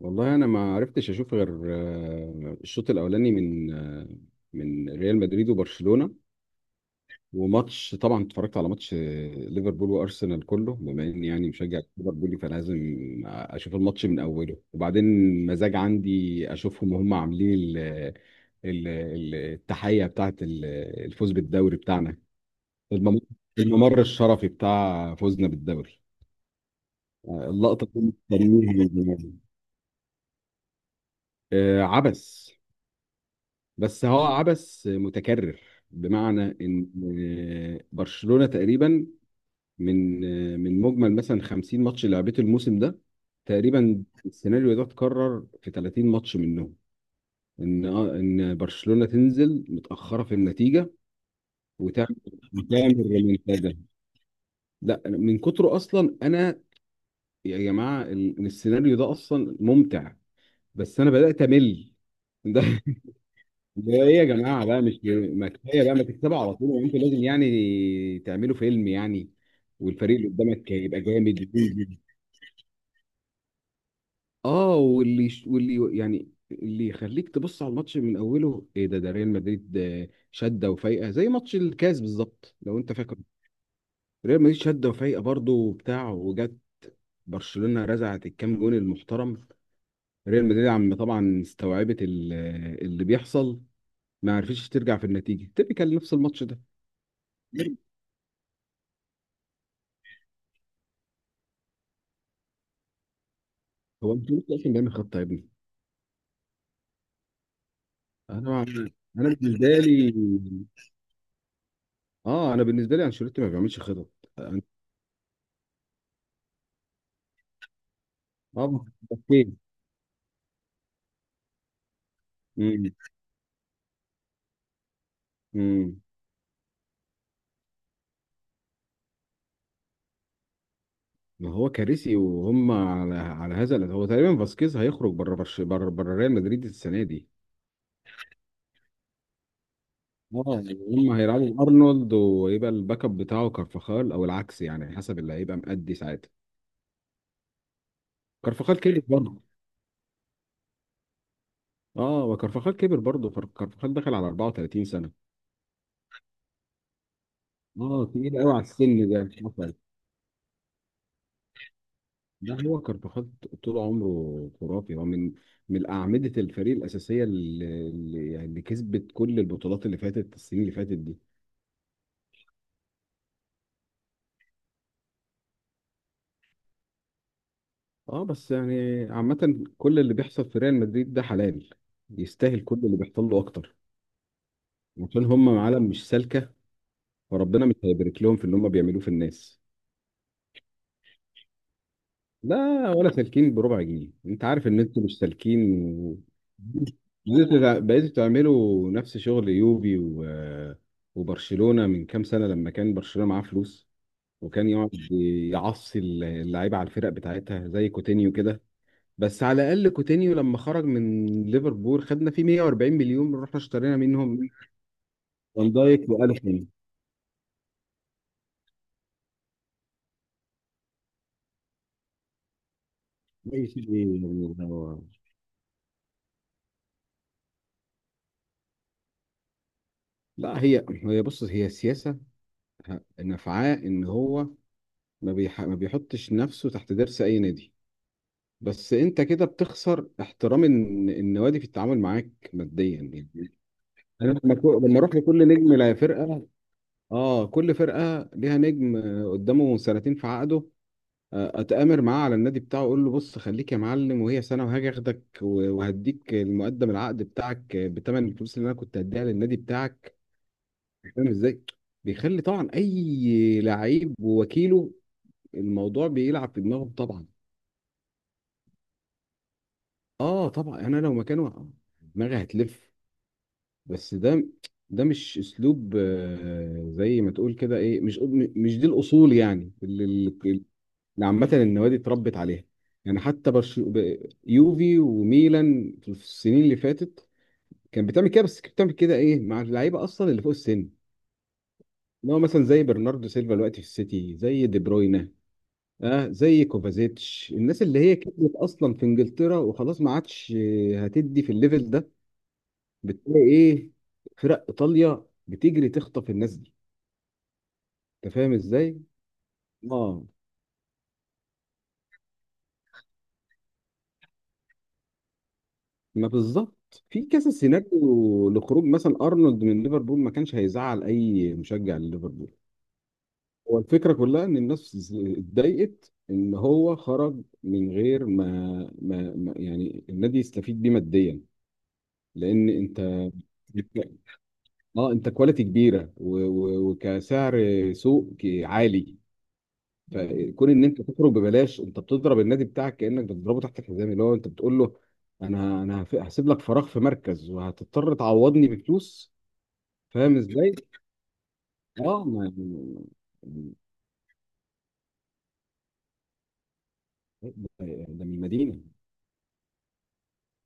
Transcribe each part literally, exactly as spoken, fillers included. والله انا ما عرفتش اشوف غير آه، الشوط الاولاني من آه، من ريال مدريد وبرشلونه. وماتش، طبعا اتفرجت على ماتش آه، ليفربول وارسنال كله، بما اني يعني مشجع ليفربولي فلازم اشوف الماتش من اوله، وبعدين مزاج عندي اشوفهم وهم عاملين ال- ال- ال- التحيه بتاعه ال- الفوز بالدوري بتاعنا، المم- الممر الشرفي بتاع فوزنا بالدوري، آه، اللقطه اللي كنا مستنيها من زمان. آه، عبس، بس هو عبث متكرر، بمعنى ان آه، برشلونة تقريبا من آه، من مجمل مثلا خمسين ماتش اللي لعبته الموسم ده، تقريبا السيناريو ده اتكرر في تلاتين ماتش منهم. ان آه، ان برشلونة تنزل متأخرة في النتيجة وتعمل وتعمل ريمونتادا. لا من كتره اصلا انا، يا جماعة ال- السيناريو ده اصلا ممتع، بس انا بدأت امل. ده ده ايه يا جماعه بقى؟ مش ما كفايه بقى ما تكسبوا على طول وانتوا لازم يعني تعملوا فيلم يعني والفريق اللي قدامك يبقى جامد؟ اه، واللي واللي يعني اللي يخليك تبص على الماتش من اوله ايه؟ ده ده ريال مدريد آه، شده وفايقه زي ماتش الكاس بالظبط لو انت فاكر. ريال مدريد شده وفايقه برضه وبتاع، وجت برشلونه رزعت الكام جون المحترم، ريال مدريد عم طبعا استوعبت ال- اللي بيحصل، ما عرفتش ترجع في النتيجه تبقى نفس الماتش ده. هو انت لسه اصلا بيعمل خطه يا ابني؟ انا انا بالنسبه لي اه انا بالنسبه لي انشيلوتي ما بيعملش خطط. اه، فاسكيز. امم امم ما هو كارثي، وهم على على هذا ال- هو تقريبا فاسكيز هيخرج بره برش... بره بره ريال مدريد السنه دي. اه يعني هم هيلعبوا ارنولد ويبقى الباك اب بتاعه كارفاخال او العكس، يعني حسب اللي هيبقى مأدي ساعتها. كارفاخال كبر برضه. اه، وكارفاخال كبر برضه، فر- كارفاخال دخل على أربعة وثلاثين سنه، اه، تقيل قوي على السن ده. لا، هو كارفاخال طول عمره خرافي، هو من من أعمدة الفريق الأساسية، اللي اللي- يعني اللي كسبت كل البطولات اللي فاتت، السنين اللي فاتت دي. اه بس يعني عامة كل اللي بيحصل في ريال مدريد ده حلال، يستاهل كل اللي بيحصل له أكتر، عشان هم عالم مش سالكة، فربنا مش هيبارك لهم في اللي هم بيعملوه في الناس. لا، ولا سالكين بربع جنيه، انت عارف ان انتوا مش سالكين و بقيتوا تع- بقيتوا تعملوا نفس شغل يوبي، و... وبرشلونة من كام سنة لما كان برشلونة معاه فلوس، وكان يقعد يعصي اللعيبة على الفرق بتاعتها زي كوتينيو كده. بس على الأقل كوتينيو لما خرج من ليفربول خدنا فيه مئة وأربعين مليون، رحنا اشترينا منهم فان دايك وألفين. لا، هي هي بص، هي سياسة نفعاء ان هو ما بيح... ما بيحطش نفسه تحت درس اي نادي، بس انت كده بتخسر احترام الن- النوادي في التعامل معاك ماديا يعني. انا لما كو- لما اروح لكل نجم، لا فرقه، اه، كل فرقه ليها نجم، آه، قدامه سنتين في عقده، آه، اتامر معاه على النادي بتاعه، اقول له بص خليك يا معلم، وهي سنه وهاجي اخدك، و- وهديك المقدم العقد بتاعك آه، بتمن الفلوس اللي انا كنت هديها للنادي بتاعك. فاهم ازاي؟ بيخلي طبعا اي لعيب ووكيله الموضوع بيلعب في دماغه طبعا. اه طبعا، يعني انا لو مكانه آه، دماغي هتلف، بس ده ده مش اسلوب، آه، زي ما تقول كده ايه، مش مش دي الاصول يعني، اللي اللي عامه النوادي اتربت عليها. يعني حتى برشو ب- يوفي وميلان في السنين اللي فاتت كان بتعمل كده، بس كانت بتعمل كده ايه مع اللعيبه اصلا اللي فوق السن، اللي هو مثلا زي برناردو سيلفا دلوقتي في السيتي، زي دي بروينا، اه زي كوفازيتش، الناس اللي هي كبرت اصلا في انجلترا وخلاص ما عادش آه، هتدي في الليفل ده، بتلاقي ايه، فرق ايطاليا بتجري تخطف الناس دي. انت فاهم ازاي؟ اه، ما بالظبط في كذا سيناريو لخروج مثلا ارنولد من ليفربول، ما كانش هيزعل اي مشجع لليفربول. هو الفكره كلها ان الناس اتضايقت ان هو خرج من غير ما, ما, ما يعني النادي يستفيد بيه ماديا، لان انت اه انت كواليتي كبيره، و- و- وكسعر سوق عالي، فكون ان انت تخرج ببلاش، انت بتضرب النادي بتاعك كانك بتضربه تحت الحزام، اللي هو انت بتقول له انا انا هف- هسيب لك فراغ في مركز وهتضطر تعوضني بفلوس. فاهم ازاي؟ اه، ما ده ده من المدينه.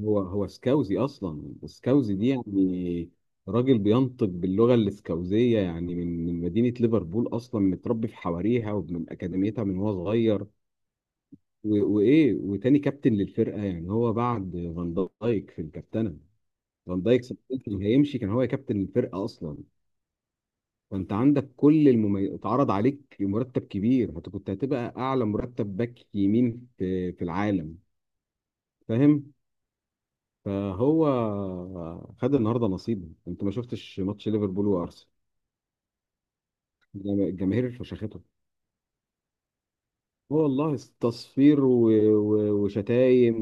هو هو سكاوزي اصلا، سكاوزي دي يعني راجل بينطق باللغه الاسكاوزيه، يعني من من مدينه ليفربول اصلا متربي في حواريها ومن اكاديميتها من وهو صغير، و- وايه، وتاني كابتن للفرقه، يعني هو بعد فان دايك في الكابتنه. فان دايك صدقني هيمشي، كان هو كابتن الفرقه اصلا. فانت عندك كل المميز، اتعرض عليك مرتب كبير، هت كنت هتبقى اعلى مرتب باك يمين في في العالم. فاهم؟ فهو خد النهارده نصيبه، انت ما شفتش ماتش ليفربول وارسنال؟ الجما- الجماهير فشختهم، هو والله تصفير و... و... وشتايم،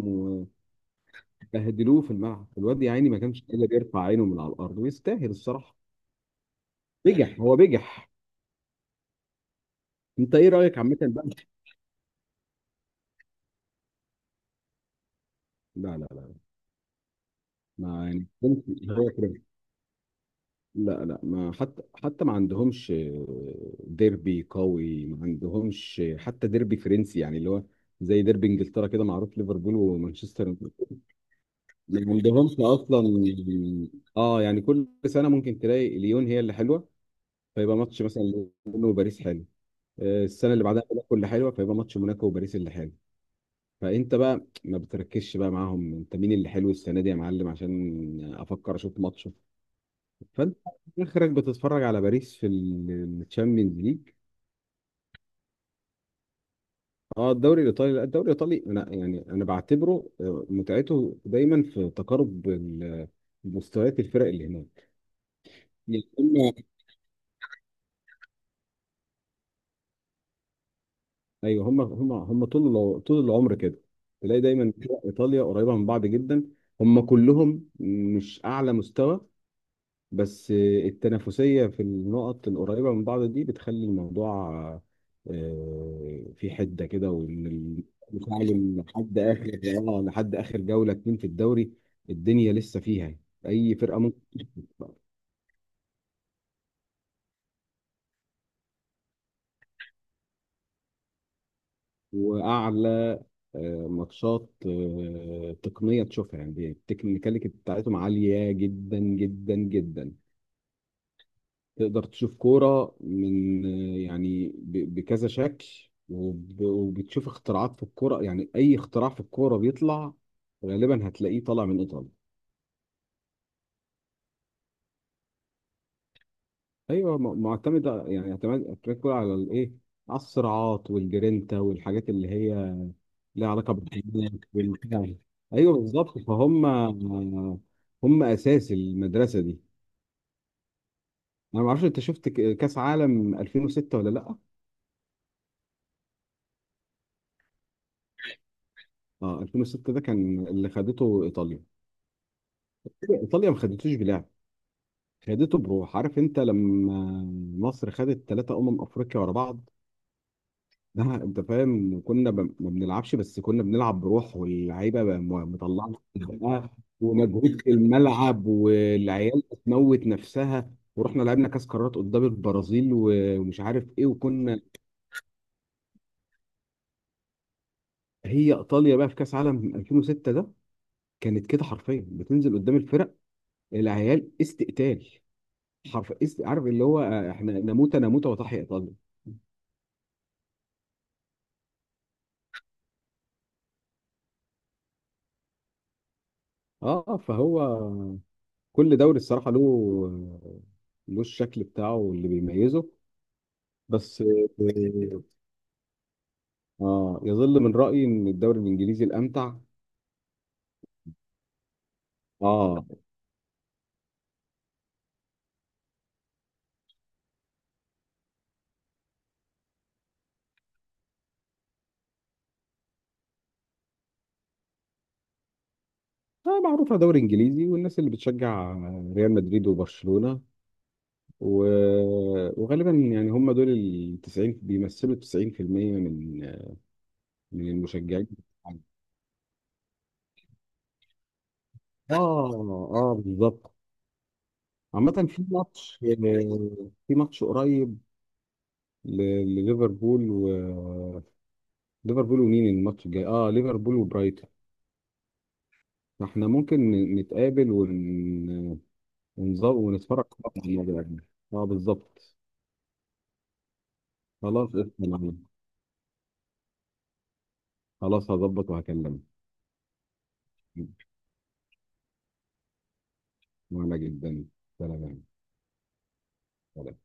وبهدلوه في الملعب، الواد يا عيني ما كانش قادر يرفع عينه من على الارض، ويستاهل الصراحه، بجح هو بجح. انت ايه رايك عامه بقى؟ لا، لا، لا. ما يعني ممكن، لا، هو كده، لا، لا، ما حتى حتى ما عندهمش ديربي قوي، ما عندهمش حتى ديربي فرنسي، يعني اللي هو زي ديربي انجلترا كده معروف ليفربول ومانشستر، ما عندهمش اصلا. اه يعني كل سنه ممكن تلاقي ليون هي اللي حلوه، فيبقى ماتش مثلا ليون وباريس حلو، آه، السنه اللي بعدها موناكو اللي حلوه فيبقى ماتش موناكو وباريس اللي حلو، فانت بقى ما بتركزش بقى معاهم، انت مين اللي حلو السنه دي يا معلم عشان افكر اشوف ماتش، فانت اخرك بتتفرج على باريس في الشامبيونز ليج. اه الدوري الايطالي، لا الدوري الايطالي، انا يعني انا بعتبره آه، متعته دايما في تقارب ال- مستويات الفرق اللي هناك، يعني هم، ايوه، هم هم هم طول الع- طول العمر كده، تلاقي دايما فرق ايطاليا قريبه من بعض جدا، هم كلهم مش اعلى مستوى، بس التنافسية في النقط القريبة من بعض دي بتخلي الموضوع آه، في حدة كده، وإن المتعلم لحد آخر، آه لحد آخر جولة اتنين في الدوري الدنيا لسه فيها يعني. أي فرقة ممكن تكسب. وأعلى آه، ماتشات آه، تقنية تشوفها، يعني التكنيكاليتي بتاعتهم عالية جدا جدا جدا، تقدر تشوف كورة من، يعني ب- بكذا شكل، وب- وبتشوف اختراعات في الكورة، يعني أي اختراع في الكورة بيطلع غالبا هتلاقيه طالع من إيطاليا. أيوة م- معتمدة، يعني اعتماد اعتماد كورة على الإيه؟ على الصراعات والجرينتا والحاجات اللي هي ليها علاقة بالحيوانات وال-، أيوة بالظبط، فهم هم أساس المدرسة دي. أنا معرفش أنت شفت ك- كأس عالم الفين وستة ولا لأ؟ اه، الفين وستة ده كان اللي خدته ايطاليا. ايطاليا ما خدتوش بلعب، خدته بروح، عارف انت لما مصر خدت ثلاثة امم افريقيا ورا بعض، ده انت فاهم كنا ب... ما بنلعبش، بس كنا بنلعب بروح، واللعيبه بقى م- مطلعه بقى ومجهود في الملعب والعيال بتموت نفسها، ورحنا لعبنا كاس قارات قدام البرازيل و- ومش عارف ايه وكنا. هي ايطاليا بقى في كاس عالم الفين وستة ده كانت كده حرفيا بتنزل قدام الفرق، العيال استقتال، حرف است... عارف اللي هو آه، احنا نموت نموت وتحيا ايطاليا. اه فهو كل دوري الصراحه له له الشكل بتاعه اللي بيميزه، بس، اه يظل من رايي ان الدوري الانجليزي الامتع. اه آه، معروفه دوري انجليزي، والناس اللي بتشجع ريال مدريد وبرشلونه و... وغالبا يعني هم دول ال التسعين بيمثلوا تسعين في المية من من المشجعين. اه، اه، بالظبط. عامة في ماتش آه، في ماتش قريب ل- لليفربول و ليفربول، ومين الماتش الجاي؟ اه ليفربول وبرايتون، فاحنا ممكن ن- نتقابل ون... ونظبط ونتفرج سوا على الماتش ده. اه بالظبط، خلاص قشطة، أنا- خلاص هظبط وهكلمك، وانا جدا. سلام. سلام.